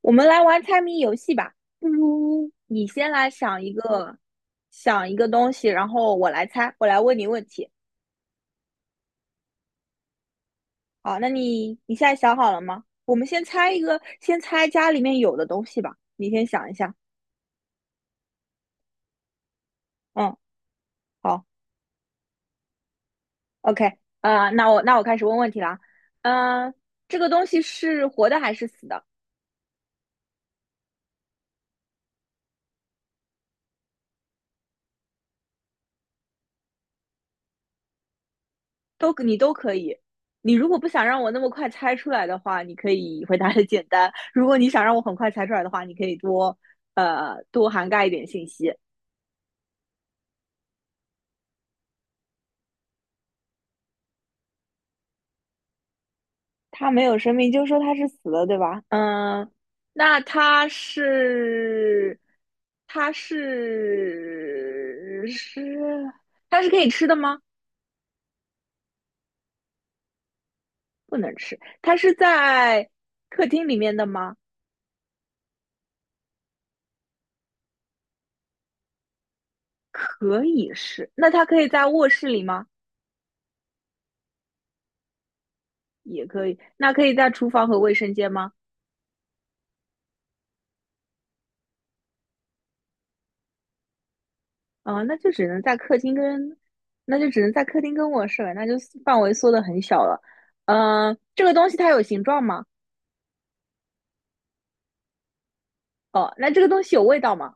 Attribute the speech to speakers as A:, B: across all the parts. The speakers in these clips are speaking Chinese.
A: 我们来玩猜谜游戏吧，不如你先来想一个，想一个东西，然后我来猜，我来问你问题。好，那你现在想好了吗？我们先猜一个，先猜家里面有的东西吧。你先想一下。嗯，好，OK,那我开始问问题啦。嗯、这个东西是活的还是死的？都你都可以。你如果不想让我那么快猜出来的话，你可以回答的简单；如果你想让我很快猜出来的话，你可以多多涵盖一点信息。它没有生命，就说它是死了，对吧？嗯，那它是它是是它是可以吃的吗？不能吃。它是在客厅里面的吗？可以是。那它可以在卧室里吗？也可以。那可以在厨房和卫生间吗？啊，那就只能在客厅跟卧室了，那就范围缩得很小了。嗯、这个东西它有形状吗？哦，那这个东西有味道吗？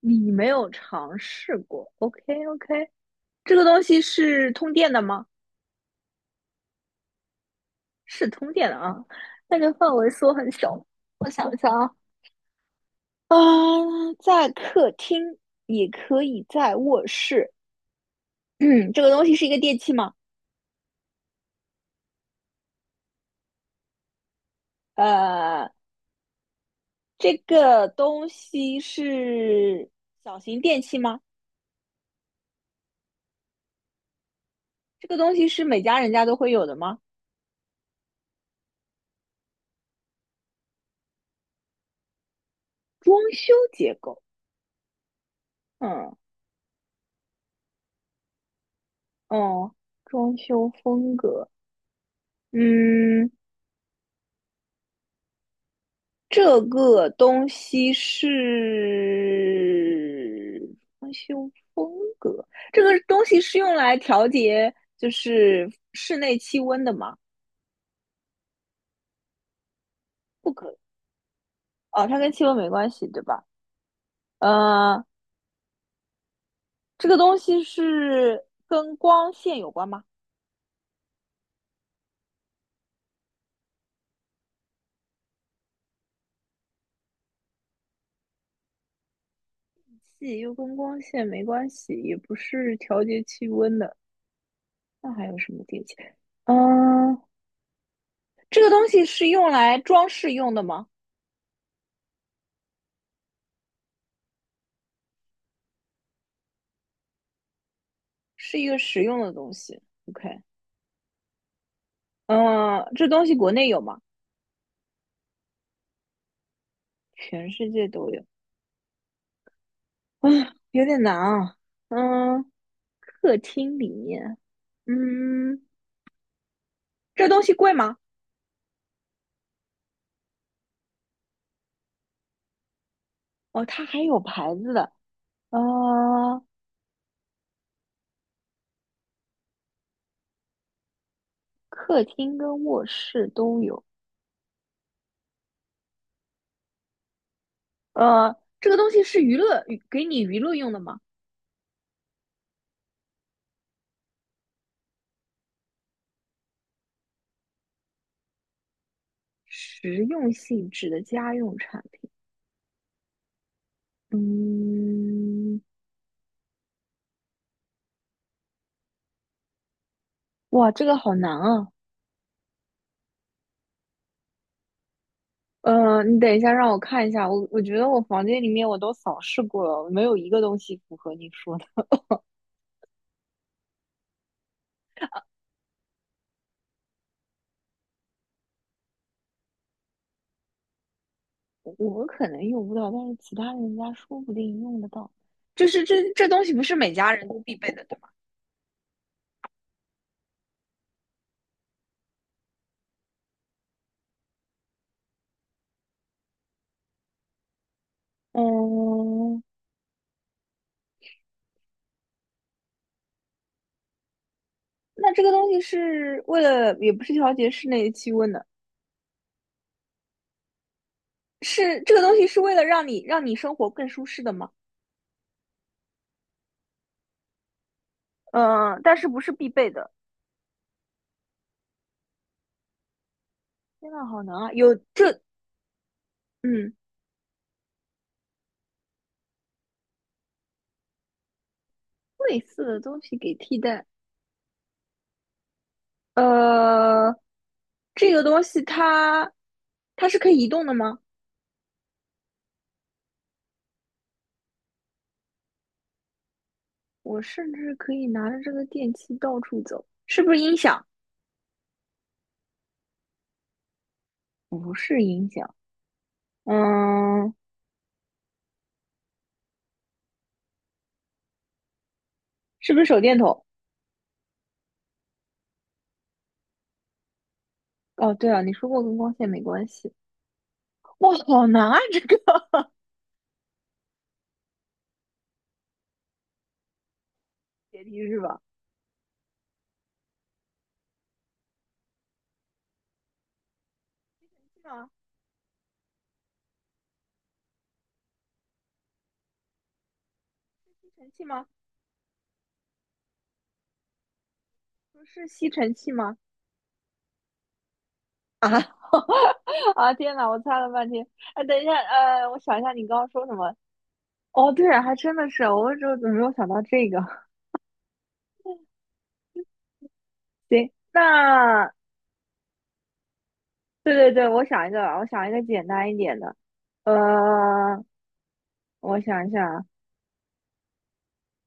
A: 你没有尝试过。OK OK，这个东西是通电的吗？是通电的啊，那就范围缩很小。我想一想啊，啊，在客厅也可以在卧室。嗯，这个东西是一个电器吗？呃，这个东西是小型电器吗？这个东西是每家人家都会有的吗？装修结构，嗯，哦，装修风格，嗯，这个东西是装修风格，这个东西是用来调节就是室内气温的吗？不可以，哦，它跟气温没关系，对吧？呃，这个东西是跟光线有关吗？洗又跟光线没关系，也不是调节气温的。那还有什么电器？嗯，这个东西是用来装饰用的吗？是一个实用的东西。OK,嗯，这东西国内有吗？全世界都有。啊，有点难啊。嗯，客厅里面，嗯，这东西贵吗？哦，它还有牌子的。啊。客厅跟卧室都有。呃，这个东西是娱乐，给你娱乐用的吗？实用性质的家用产品。嗯，哇，这个好难啊。你等一下，让我看一下。我觉得我房间里面我都扫视过了，没有一个东西符合你说的。我可能用不到，但是其他人家说不定用得到。就是这东西不是每家人都必备的，对吧？嗯，那这个东西是为了，也不是调节室内气温的，是这个东西是为了让你生活更舒适的吗？嗯，但是不是必备的。天呐，好难啊！有这嗯类似的东西给替代，呃，这个东西它它是可以移动的吗？我甚至可以拿着这个电器到处走，是不是音响？嗯，是不是手电筒？哦，对啊，你说过跟光线没关系。哇，好难啊！这个解题是吧？是吗？吸尘器吗？不是吸尘器吗？啊 啊！天呐，我猜了半天。哎，等一下，我想一下，你刚刚说什么？哦，对啊，还真的是，我就怎么没有想到这个。行，那对对对，我想一个简单一点的。呃，我想一下啊，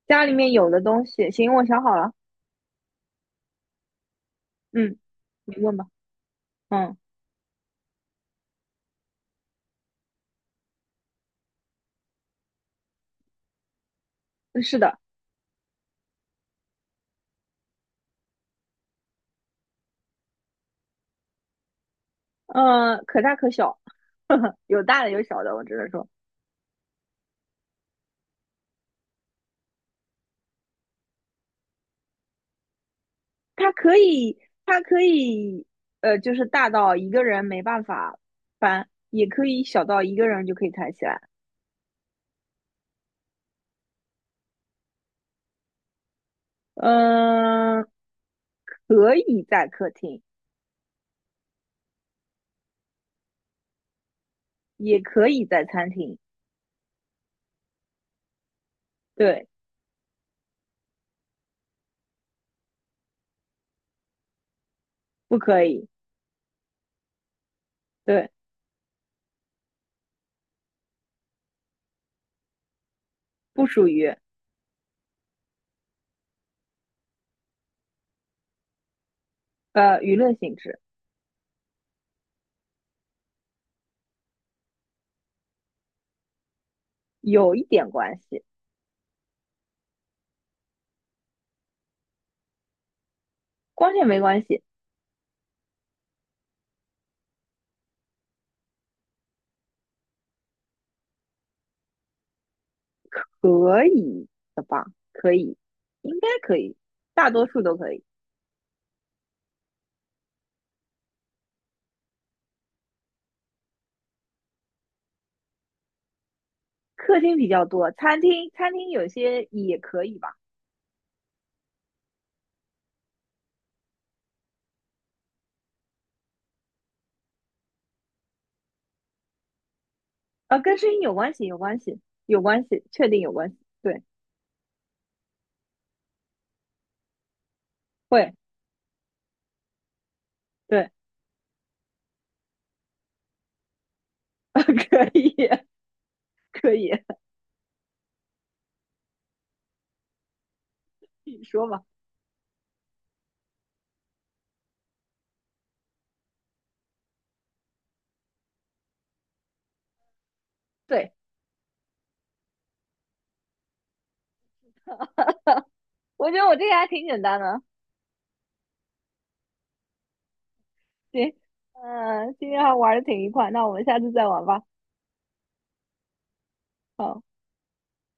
A: 家里面有的东西，行，我想好了。嗯，你问吧。嗯，是的，可大可小，有大的有小的，我只能说，它可以，它可以，就是大到一个人没办法搬，也可以小到一个人就可以抬起来。嗯、可以在客厅。也可以在餐厅，对，不可以，对，不属于娱乐性质，有一点关系，光线没关系，可以的吧？可以，应该可以，大多数都可以。客厅比较多，餐厅有些也可以吧？跟声音有关系，有关系，有关系，确定有关系，对，会，对，可以，可以，你说吧。对，我觉得我这个还挺简单的。行，嗯，今天还玩的挺愉快，那我们下次再玩吧。好。